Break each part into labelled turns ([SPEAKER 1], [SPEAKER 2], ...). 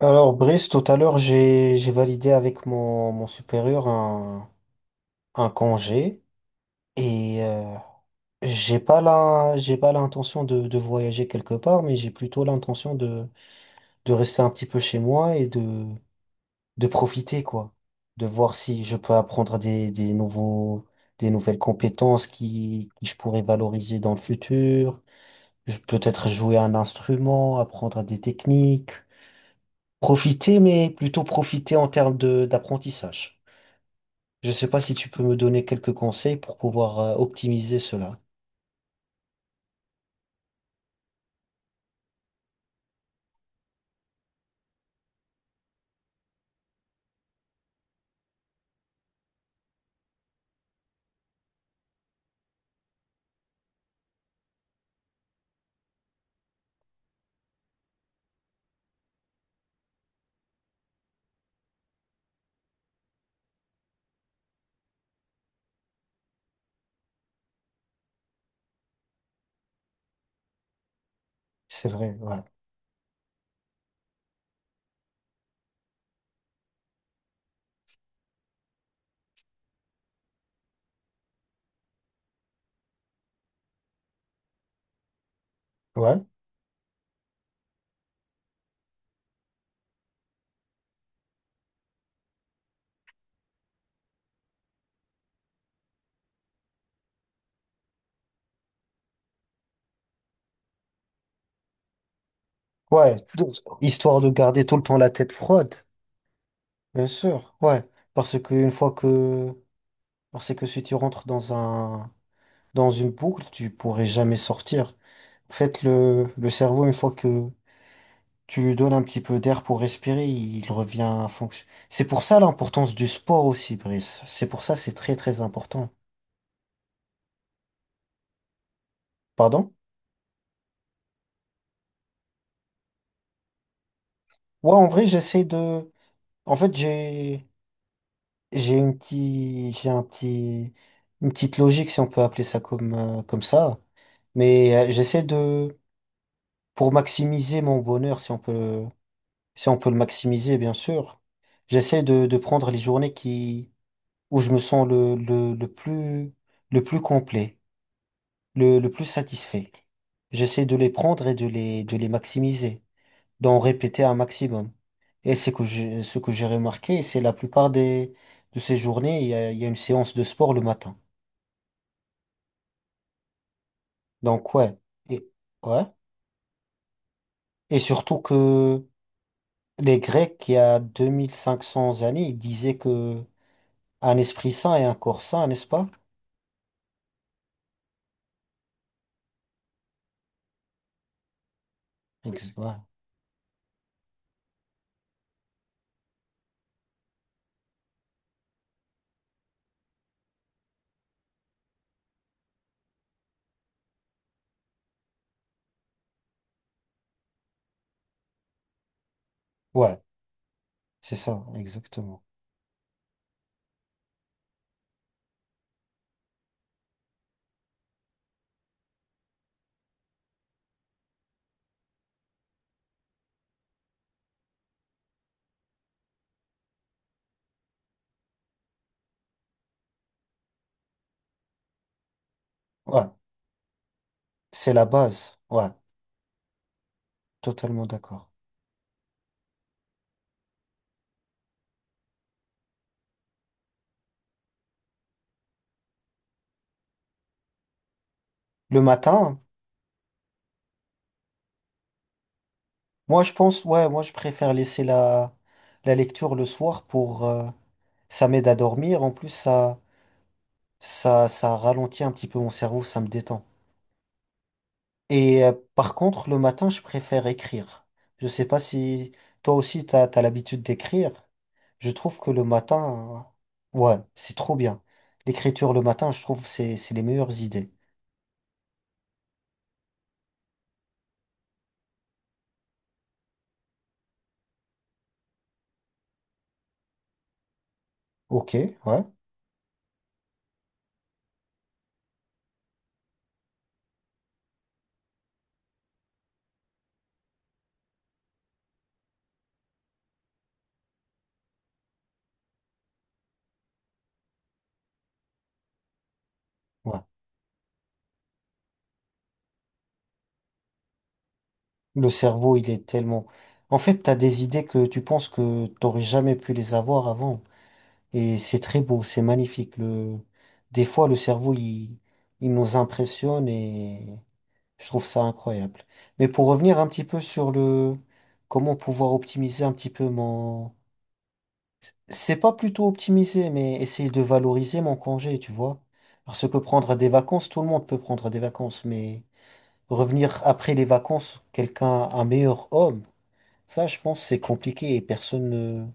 [SPEAKER 1] Alors, Brice, tout à l'heure, j'ai validé avec mon supérieur un congé et j'ai pas la j'ai pas l'intention de voyager quelque part, mais j'ai plutôt l'intention de rester un petit peu chez moi et de profiter, quoi, de voir si je peux apprendre des nouveaux des nouvelles compétences qui je pourrais valoriser dans le futur. Peut-être jouer un instrument, apprendre des techniques, profiter, mais plutôt profiter en termes de d'apprentissage. Je sais pas si tu peux me donner quelques conseils pour pouvoir optimiser cela. C'est vrai, ouais. Ouais. Ouais. Donc, histoire de garder tout le temps la tête froide, bien sûr. Ouais. Parce que une fois que, parce que si tu rentres dans un, dans une boucle, tu pourrais jamais sortir. En fait, le cerveau, une fois que tu lui donnes un petit peu d'air pour respirer, il revient à fonction. C'est pour ça l'importance du sport aussi, Brice. C'est pour ça, c'est très, très important. Pardon? Ouais, en vrai, en fait, j'ai une petite, une petite logique, si on peut appeler ça comme, comme ça. Mais j'essaie de, pour maximiser mon bonheur, si on peut le maximiser, bien sûr, de prendre les journées où je me sens le plus complet, le plus satisfait. J'essaie de les prendre et de de les maximiser, d'en répéter un maximum. Et c'est que j'ai, ce que j'ai remarqué, c'est la plupart de ces journées, il y a une séance de sport le matin. Donc ouais, et ouais, et surtout que les Grecs, il y a 2500 années, ils disaient que un esprit sain et un corps sain, n'est-ce pas? Ouais, ouais, c'est ça, exactement. Ouais, c'est la base. Ouais, totalement d'accord. Le matin, moi je pense, ouais, moi je préfère laisser la la lecture le soir pour ça m'aide à dormir. En plus, ça ralentit un petit peu mon cerveau, ça me détend. Et par contre, le matin, je préfère écrire. Je sais pas si toi aussi, t'as l'habitude d'écrire. Je trouve que le matin, ouais, c'est trop bien. L'écriture le matin, je trouve, c'est les meilleures idées. Ok, ouais, ouais. Le cerveau, il est tellement... En fait, t'as des idées que tu penses que t'aurais jamais pu les avoir avant. Et c'est très beau, c'est magnifique. Le... Des fois, il nous impressionne et. Je trouve ça incroyable. Mais pour revenir un petit peu sur le comment pouvoir optimiser un petit peu mon... C'est pas plutôt optimiser, mais essayer de valoriser mon congé, tu vois. Parce que prendre des vacances, tout le monde peut prendre des vacances, mais revenir après les vacances, quelqu'un, un meilleur homme, ça, je pense, c'est compliqué et personne, ne-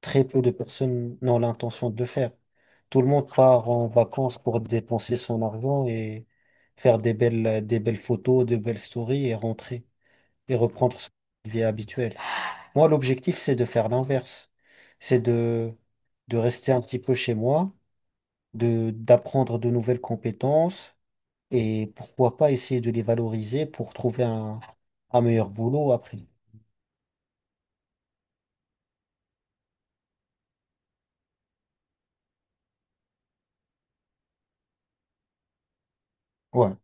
[SPEAKER 1] très peu de personnes n'ont l'intention de le faire. Tout le monde part en vacances pour dépenser son argent et faire des belles photos, des belles stories et rentrer et reprendre son vie habituel. Moi, l'objectif, c'est de faire l'inverse. C'est de, de rester un petit peu chez moi, d'apprendre de nouvelles compétences et pourquoi pas essayer de les valoriser pour trouver un meilleur boulot après. Ouais.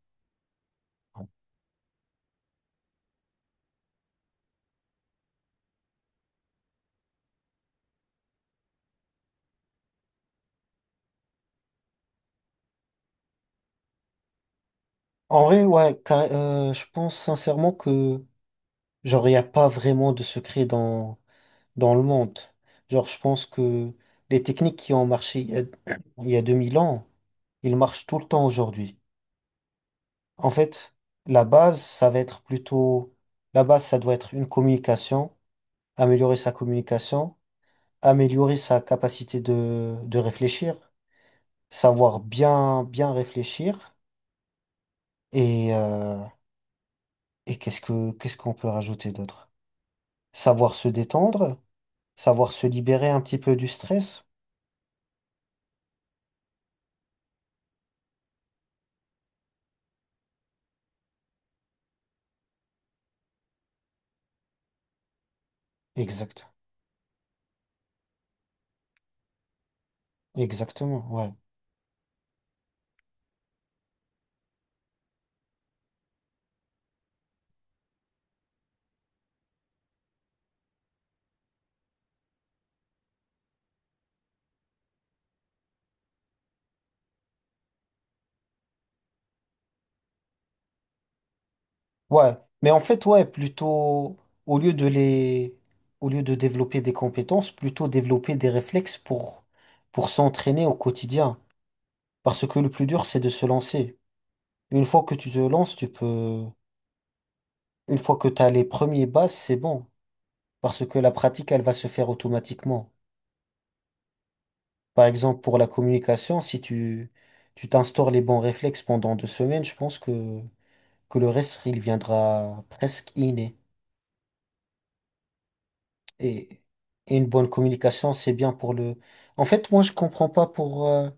[SPEAKER 1] En vrai, ouais, je pense sincèrement que genre, il n'y a pas vraiment de secret dans le monde. Genre, je pense que les techniques qui ont marché il y a 2000 ans, ils marchent tout le temps aujourd'hui. En fait, la base, ça va être plutôt, la base, ça doit être une communication, améliorer sa capacité de réfléchir, savoir bien, bien réfléchir et, euh, et qu'est-ce qu'on peut rajouter d'autre? Savoir se détendre, savoir se libérer un petit peu du stress. Exact. Exactement. Ouais. Ouais, mais en fait, ouais, plutôt, au lieu de les, au lieu de développer des compétences, plutôt développer des réflexes pour s'entraîner au quotidien. Parce que le plus dur, c'est de se lancer. Une fois que tu te lances, tu peux, une fois que tu as les premiers bases, c'est bon. Parce que la pratique, elle va se faire automatiquement. Par exemple, pour la communication, si tu, tu t'instaures les bons réflexes pendant 2 semaines, que le reste, il viendra presque inné. Et, et une bonne communication, c'est bien pour le... En fait, moi, je comprends pas pour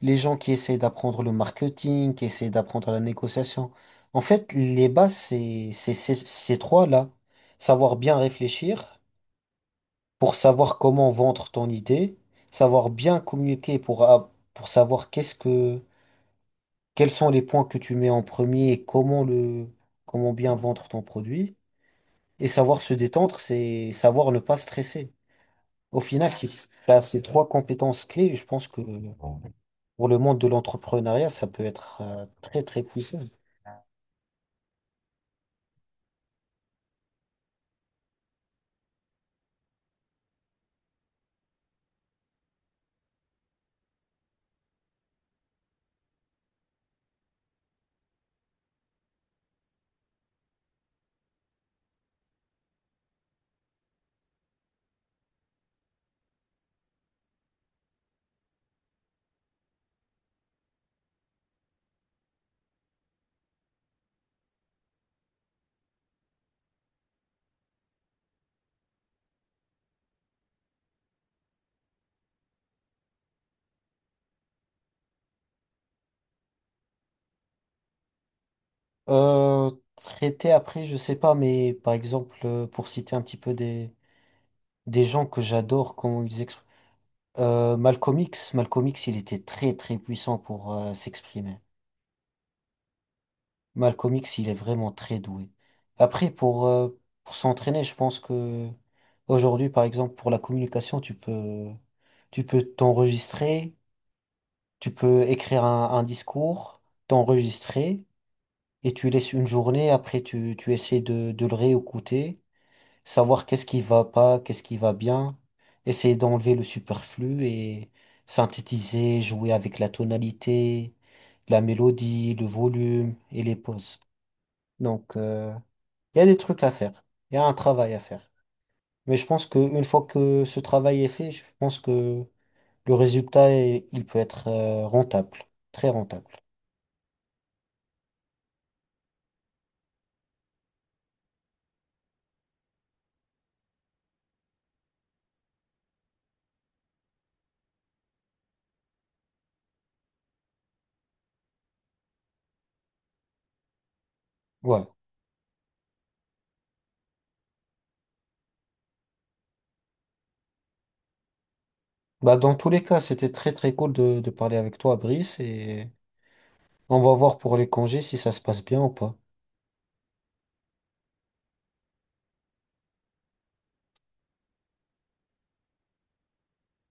[SPEAKER 1] les gens qui essaient d'apprendre le marketing, qui essaient d'apprendre la négociation. En fait, les bases, ces trois-là. Savoir bien réfléchir pour savoir comment vendre ton idée, savoir bien communiquer pour savoir quels sont les points que tu mets en premier et comment comment bien vendre ton produit. Et savoir se détendre, c'est savoir ne pas stresser. Au final, si tu as ces trois compétences clés, je pense que pour le monde de l'entrepreneuriat, ça peut être très très puissant. Euh, traiter après, je sais pas, mais par exemple, pour citer un petit peu des gens que j'adore, comment ils expriment. Malcolm X, il était très très puissant pour s'exprimer. Malcolm X, il est vraiment très doué. Après, pour s'entraîner, je pense que aujourd'hui, par exemple, pour la communication, tu peux t'enregistrer. Tu peux écrire un discours, t'enregistrer, et tu laisses une journée, après tu essaies de le réécouter, savoir qu'est-ce qui va pas, qu'est-ce qui va bien, essayer d'enlever le superflu et synthétiser, jouer avec la tonalité, la mélodie, le volume et les pauses. Donc, il y a des trucs à faire, il y a un travail à faire. Mais je pense qu'une fois que ce travail est fait, je pense que le résultat, il peut être rentable, très rentable. Ouais. Bah, dans tous les cas, c'était très très cool de parler avec toi, Brice, et on va voir pour les congés si ça se passe bien ou pas.